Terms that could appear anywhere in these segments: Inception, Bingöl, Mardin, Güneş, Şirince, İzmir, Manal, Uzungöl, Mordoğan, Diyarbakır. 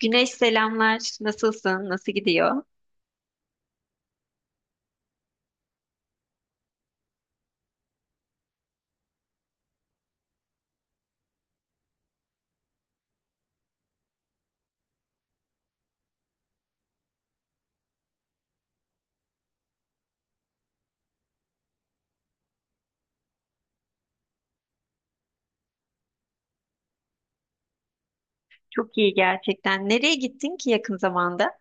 Güneş, selamlar. Nasılsın? Nasıl gidiyor? Çok iyi gerçekten. Nereye gittin ki yakın zamanda?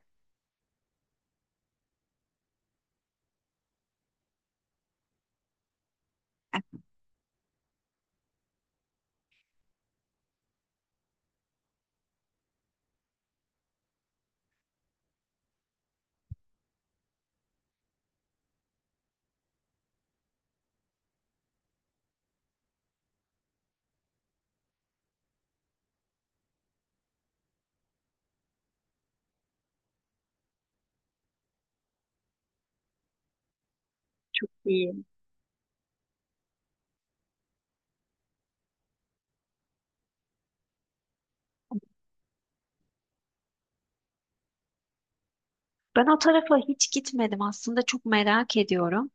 İyiyim. Ben o tarafa hiç gitmedim. Aslında çok merak ediyorum.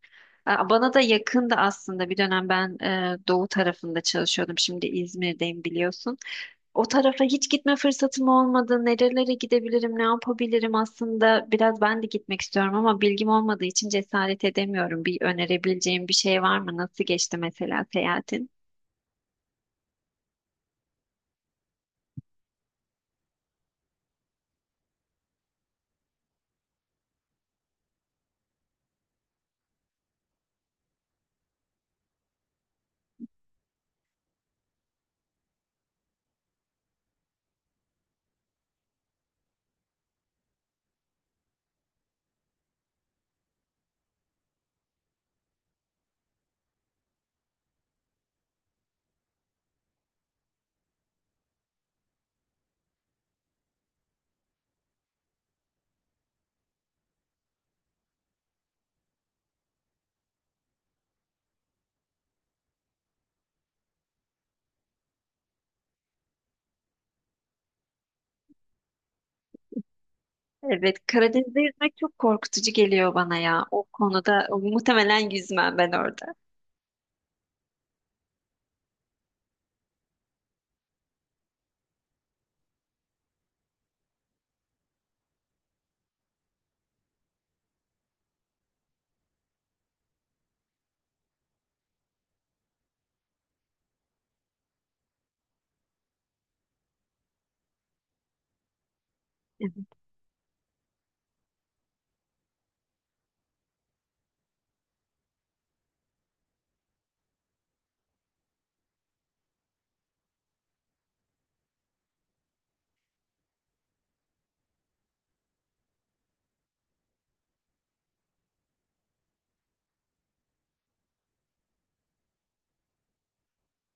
Aa, bana da yakındı aslında. Bir dönem ben doğu tarafında çalışıyordum. Şimdi İzmir'deyim biliyorsun. O tarafa hiç gitme fırsatım olmadı. Nerelere gidebilirim, ne yapabilirim aslında. Biraz ben de gitmek istiyorum ama bilgim olmadığı için cesaret edemiyorum. Bir önerebileceğim bir şey var mı? Nasıl geçti mesela seyahatin? Evet, Karadeniz'de yüzmek çok korkutucu geliyor bana ya. O konuda muhtemelen yüzmem ben orada.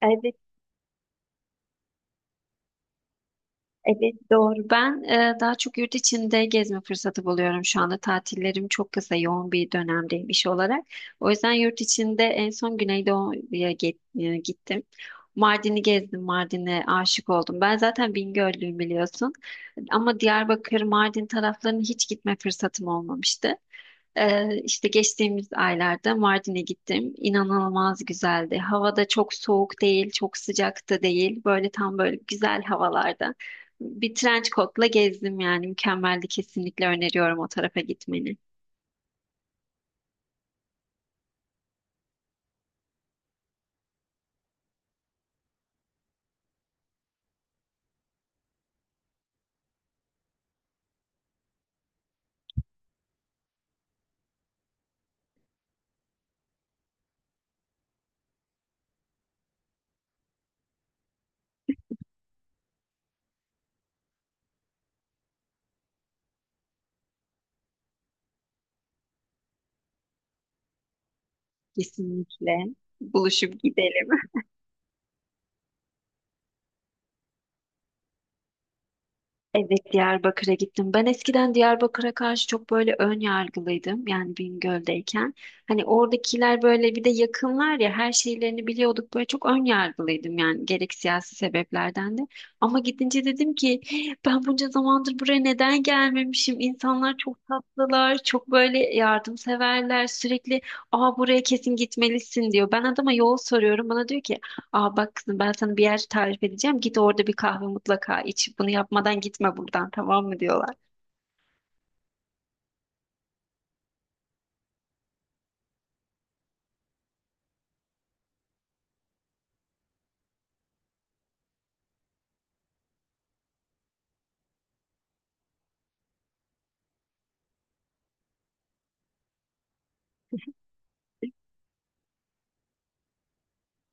Evet, evet doğru. Ben daha çok yurt içinde gezme fırsatı buluyorum şu anda. Tatillerim çok kısa, yoğun bir dönemdeyim iş olarak. O yüzden yurt içinde en son Güneydoğu'ya gittim. Mardin'i gezdim, Mardin'e aşık oldum. Ben zaten Bingöllüyüm biliyorsun. Ama Diyarbakır, Mardin taraflarına hiç gitme fırsatım olmamıştı. İşte geçtiğimiz aylarda Mardin'e gittim. İnanılmaz güzeldi. Hava da çok soğuk değil, çok sıcak da değil. Böyle tam böyle güzel havalarda. Bir trench coat'la gezdim yani. Mükemmeldi. Kesinlikle öneriyorum o tarafa gitmeni. Kesinlikle. Buluşup gidelim. Evet, Diyarbakır'a gittim. Ben eskiden Diyarbakır'a karşı çok böyle ön yargılıydım. Yani Bingöl'deyken. Hani oradakiler böyle bir de yakınlar ya, her şeylerini biliyorduk. Böyle çok ön yargılıydım yani, gerek siyasi sebeplerden de. Ama gidince dedim ki: "Hey, ben bunca zamandır buraya neden gelmemişim? İnsanlar çok tatlılar, çok böyle yardımseverler. Sürekli aa, buraya kesin gitmelisin diyor. Ben adama yol soruyorum. Bana diyor ki: aa, bak kızım, ben sana bir yer tarif edeceğim. Git orada bir kahve mutlaka iç. Bunu yapmadan gitme buradan, tamam mı diyorlar.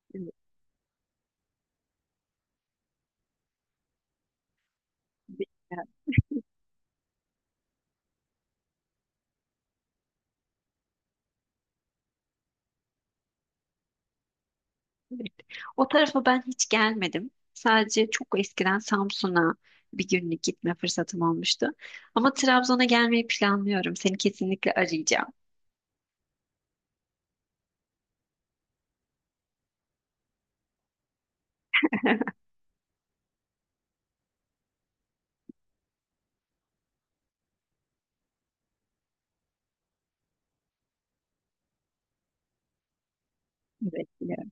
Evet. Evet. O tarafa ben hiç gelmedim. Sadece çok eskiden Samsun'a bir günlük gitme fırsatım olmuştu. Ama Trabzon'a gelmeyi planlıyorum. Seni kesinlikle arayacağım. Evet, biliyorum.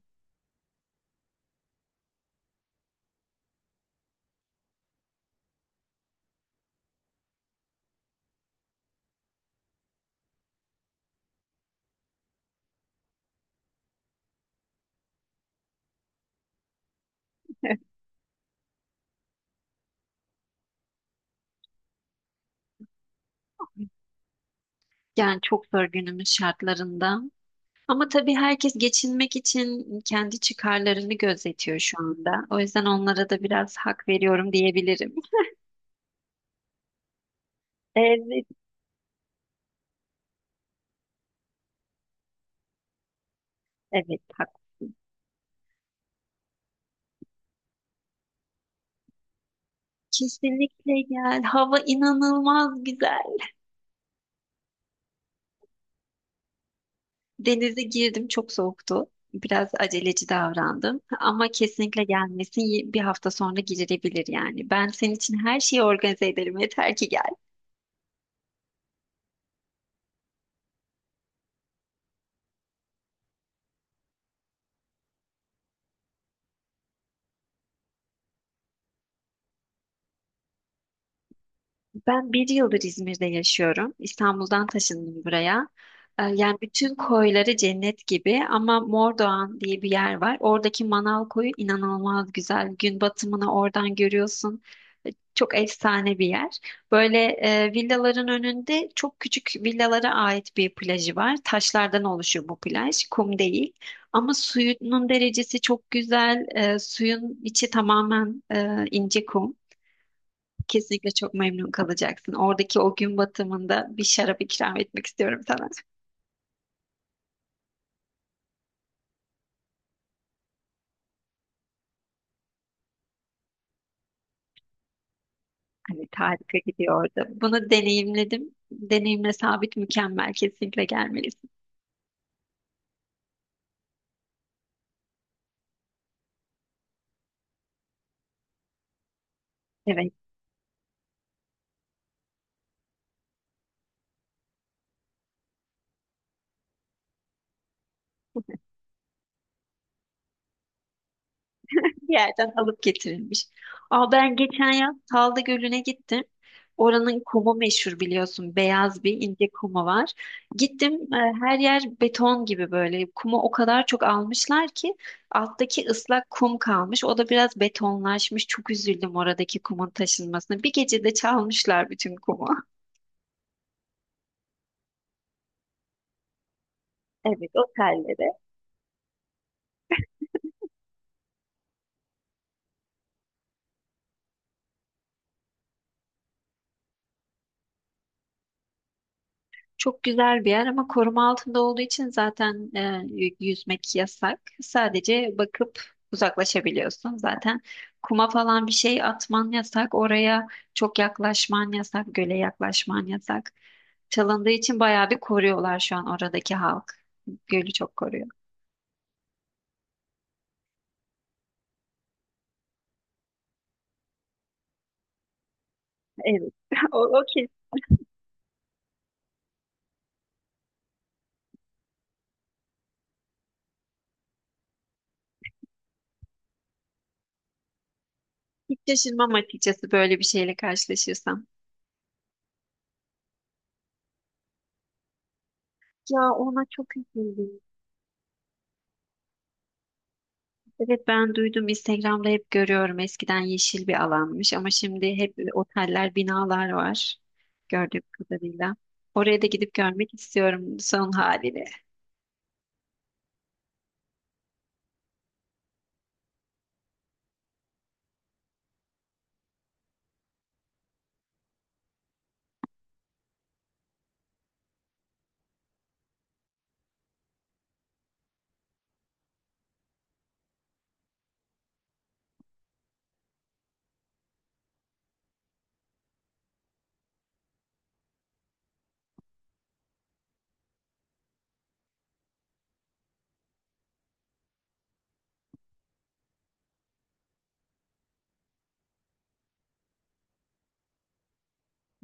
Yani çok zor günümüz şartlarında. Ama tabii herkes geçinmek için kendi çıkarlarını gözetiyor şu anda. O yüzden onlara da biraz hak veriyorum diyebilirim. Evet, evet, hak. Kesinlikle gel. Hava inanılmaz güzel. Denize girdim, çok soğuktu. Biraz aceleci davrandım. Ama kesinlikle gelmesin. Bir hafta sonra girilebilir yani. Ben senin için her şeyi organize ederim. Yeter ki gel. Ben bir yıldır İzmir'de yaşıyorum. İstanbul'dan taşındım buraya. Yani bütün koyları cennet gibi ama Mordoğan diye bir yer var. Oradaki Manal koyu inanılmaz güzel. Gün batımını oradan görüyorsun. Çok efsane bir yer. Böyle villaların önünde çok küçük villalara ait bir plajı var. Taşlardan oluşuyor bu plaj. Kum değil. Ama suyunun derecesi çok güzel. Suyun içi tamamen ince kum. Kesinlikle çok memnun kalacaksın. Oradaki o gün batımında bir şarap ikram etmek istiyorum sana. Hani harika gidiyordu. Bunu deneyimledim. Deneyimle sabit, mükemmel. Kesinlikle gelmelisin. Evet. Bir yerden alıp getirilmiş. Aa, ben geçen yaz Salda Gölü'ne gittim. Oranın kumu meşhur biliyorsun. Beyaz bir ince kumu var. Gittim, her yer beton gibi böyle. Kumu o kadar çok almışlar ki alttaki ıslak kum kalmış. O da biraz betonlaşmış. Çok üzüldüm oradaki kumun taşınmasına. Bir gecede çalmışlar bütün kumu. Evet, otellere. Çok güzel bir yer ama koruma altında olduğu için zaten yüzmek yasak. Sadece bakıp uzaklaşabiliyorsun. Zaten kuma falan bir şey atman yasak. Oraya çok yaklaşman yasak. Göle yaklaşman yasak. Çalındığı için bayağı bir koruyorlar şu an oradaki halk. Gölü çok koruyor. Evet. O, o kesin. Hiç şaşırmam açıkçası böyle bir şeyle karşılaşırsam. Ya, ona çok üzüldüm. Evet, ben duydum, Instagram'da hep görüyorum, eskiden yeşil bir alanmış ama şimdi hep oteller, binalar var gördüğüm kadarıyla. Oraya da gidip görmek istiyorum son halini.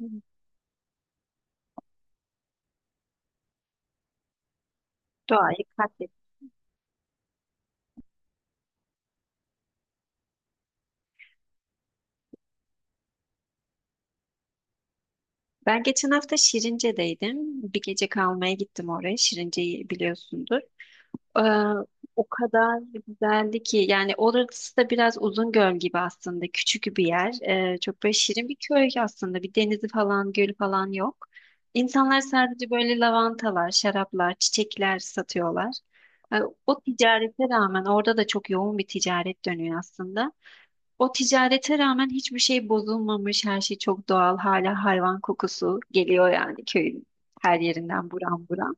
Hı. Doğayı katlet. Ben geçen hafta Şirince'deydim. Bir gece kalmaya gittim oraya. Şirince'yi biliyorsundur. Ee, O kadar güzeldi ki, yani orası da biraz Uzungöl gibi aslında, küçük bir yer. Çok böyle şirin bir köy aslında, bir denizi falan, gölü falan yok. İnsanlar sadece böyle lavantalar, şaraplar, çiçekler satıyorlar. Ee, o ticarete rağmen orada da çok yoğun bir ticaret dönüyor aslında. O ticarete rağmen hiçbir şey bozulmamış, her şey çok doğal. Hala hayvan kokusu geliyor yani, köyün her yerinden buram buram.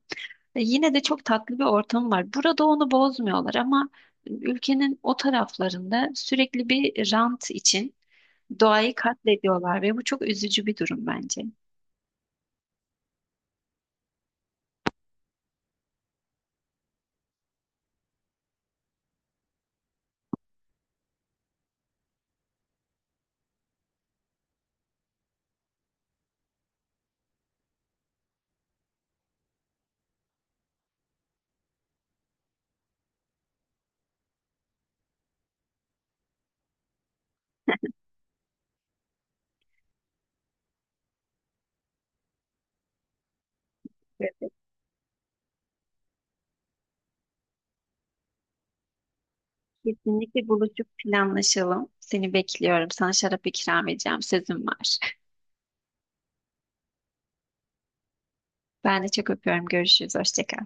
Yine de çok tatlı bir ortam var. Burada onu bozmuyorlar ama ülkenin o taraflarında sürekli bir rant için doğayı katlediyorlar ve bu çok üzücü bir durum bence. Evet. Kesinlikle buluşup planlaşalım. Seni bekliyorum. Sana şarap ikram edeceğim. Sözüm var. Ben de çok öpüyorum. Görüşürüz. Hoşça kal.